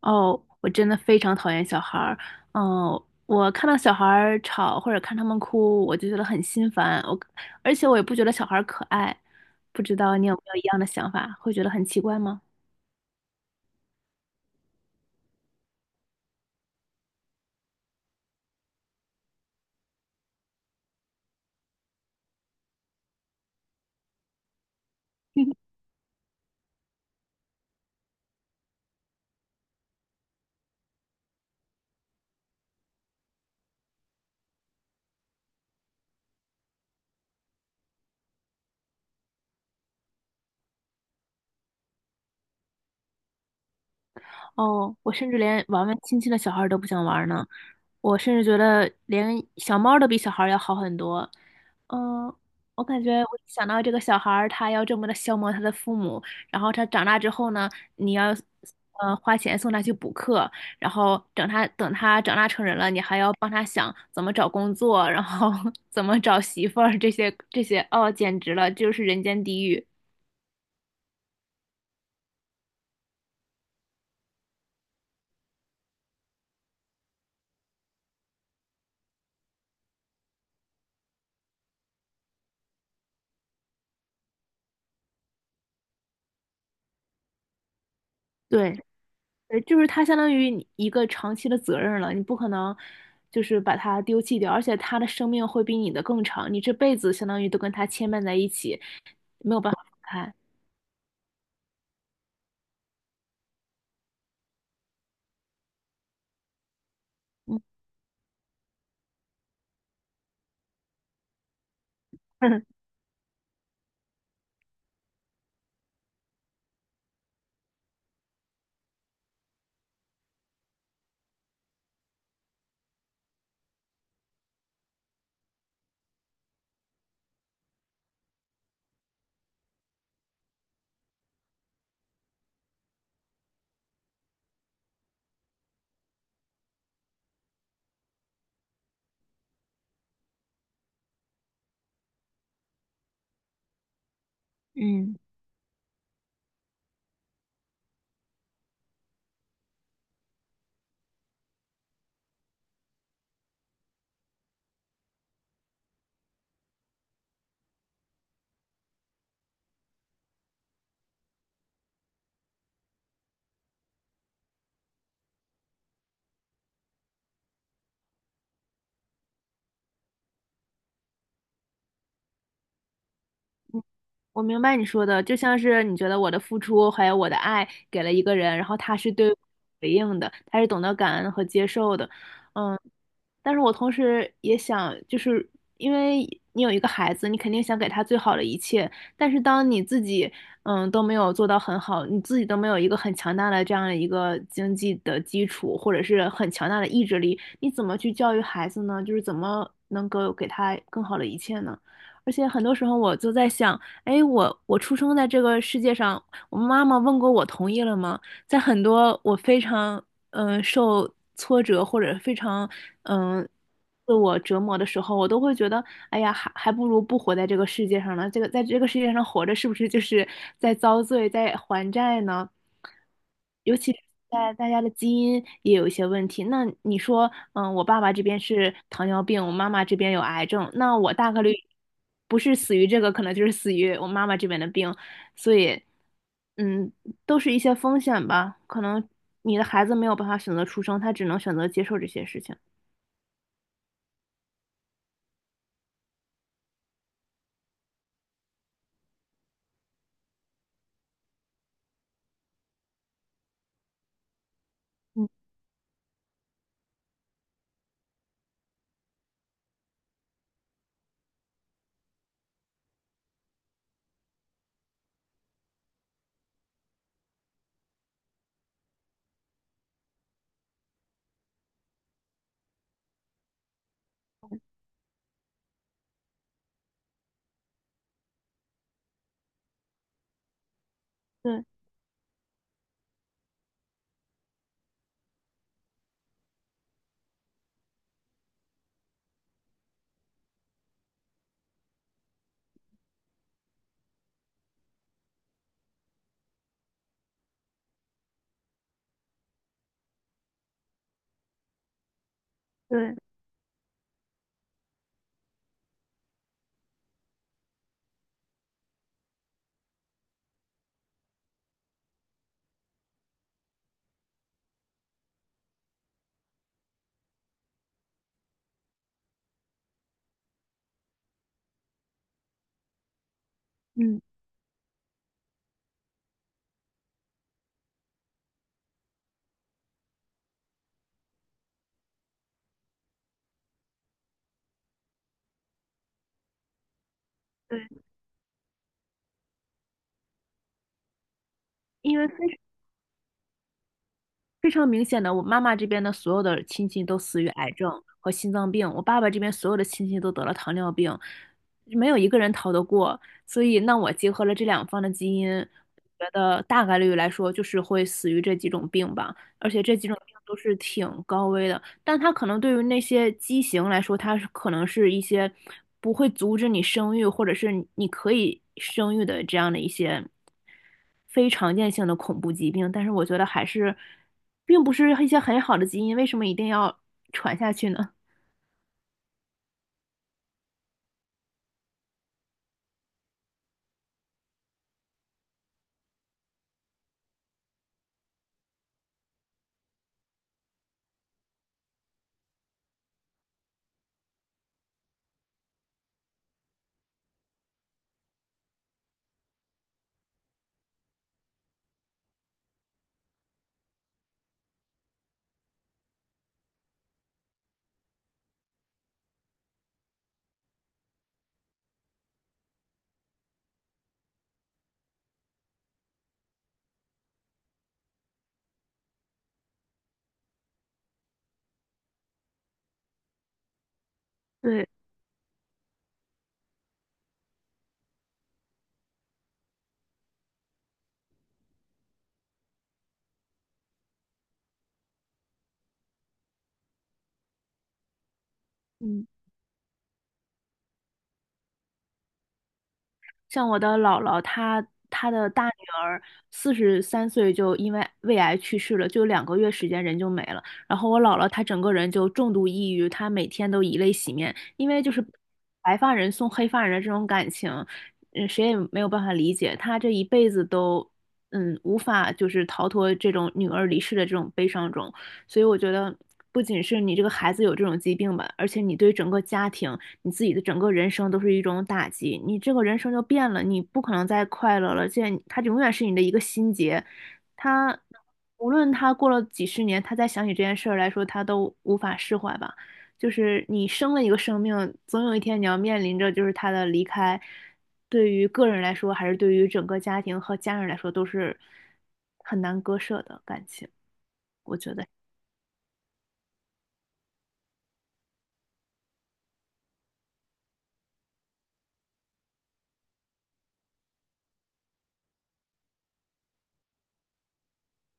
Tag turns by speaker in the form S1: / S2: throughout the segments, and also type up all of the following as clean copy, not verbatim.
S1: 哦，我真的非常讨厌小孩儿。嗯，我看到小孩儿吵或者看他们哭，我就觉得很心烦。而且我也不觉得小孩儿可爱。不知道你有没有一样的想法，会觉得很奇怪吗？哦，我甚至连玩玩亲戚的小孩儿都不想玩儿呢。我甚至觉得连小猫儿都比小孩儿要好很多。嗯，我感觉我一想到这个小孩儿他要这么的消磨他的父母，然后他长大之后呢，你要花钱送他去补课，然后等他长大成人了，你还要帮他想怎么找工作，然后 怎么找媳妇儿这些，哦，简直了，就是人间地狱。对。对，就是它相当于你一个长期的责任了，你不可能就是把它丢弃掉，而且它的生命会比你的更长，你这辈子相当于都跟它牵绊在一起，没有办法分开。嗯 嗯。我明白你说的，就像是你觉得我的付出还有我的爱给了一个人，然后他是对我回应的，他是懂得感恩和接受的，嗯。但是我同时也想，就是因为你有一个孩子，你肯定想给他最好的一切，但是当你自己都没有做到很好，你自己都没有一个很强大的这样的一个经济的基础，或者是很强大的意志力，你怎么去教育孩子呢？就是怎么能够给他更好的一切呢？而且很多时候我就在想。哎，我出生在这个世界上，我妈妈问过我同意了吗？在很多我非常受挫折或者非常嗯、呃自我折磨的时候，我都会觉得，哎呀，还不如不活在这个世界上呢。这个在这个世界上活着，是不是就是在遭罪，在还债呢？尤其是在大家的基因也有一些问题。那你说，我爸爸这边是糖尿病，我妈妈这边有癌症，那我大概率不是死于这个，可能就是死于我妈妈这边的病，所以。嗯，都是一些风险吧。可能你的孩子没有办法选择出生，他只能选择接受这些事情。对对嗯，对，因为非常明显的，我妈妈这边的所有的亲戚都死于癌症和心脏病，我爸爸这边所有的亲戚都得了糖尿病，没有一个人逃得过。所以，那我结合了这两方的基因，觉得大概率来说就是会死于这几种病吧，而且这几种病都是挺高危的。但它可能对于那些畸形来说，它是可能是一些不会阻止你生育，或者是你可以生育的这样的一些非常见性的恐怖疾病。但是我觉得还是，并不是一些很好的基因，为什么一定要传下去呢？对，嗯，像我的姥姥，她的大女儿43岁就因为胃癌去世了，就2个月时间人就没了。然后我姥姥她整个人就重度抑郁，她每天都以泪洗面，因为就是白发人送黑发人的这种感情，谁也没有办法理解。她这一辈子都无法就是逃脱这种女儿离世的这种悲伤中。所以我觉得，不仅是你这个孩子有这种疾病吧，而且你对整个家庭、你自己的整个人生都是一种打击。你这个人生就变了，你不可能再快乐了，而且他永远是你的一个心结。他无论他过了几十年，他再想起这件事儿来说，他都无法释怀吧。就是你生了一个生命，总有一天你要面临着就是他的离开，对于个人来说，还是对于整个家庭和家人来说，都是很难割舍的感情，对觉得。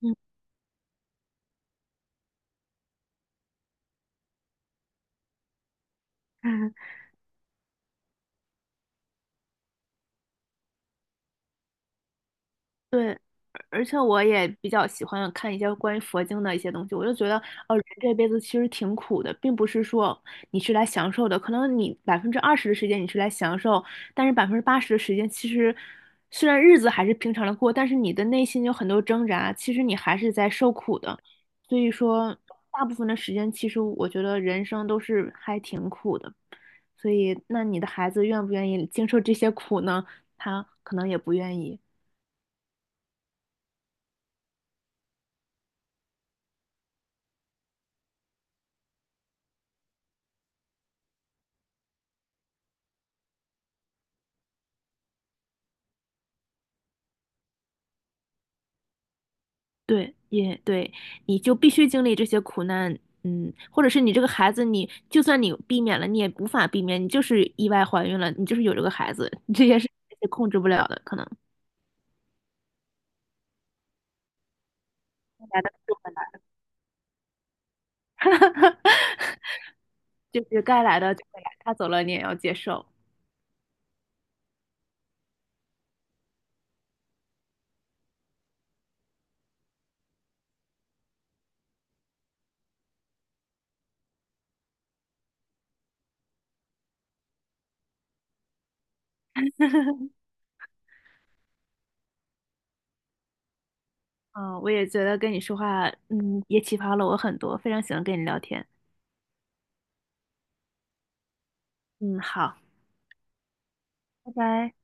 S1: 嗯 对，而且我也比较喜欢看一些关于佛经的一些东西，我就觉得，哦，人这辈子其实挺苦的，并不是说你是来享受的，可能你20%的时间你是来享受，但是80%的时间其实虽然日子还是平常的过，但是你的内心有很多挣扎，其实你还是在受苦的，所以说大部分的时间，其实我觉得人生都是还挺苦的，所以那你的孩子愿不愿意经受这些苦呢？他可能也不愿意。对，也对，你就必须经历这些苦难，或者是你这个孩子你，就算你避免了，你也无法避免，你就是意外怀孕了，你就是有这个孩子，这些是控制不了的，可能该来的就会来 就是该来的就会来，他走了你也要接受。嗯，我也觉得跟你说话，也启发了我很多，非常喜欢跟你聊天。嗯，好，拜拜。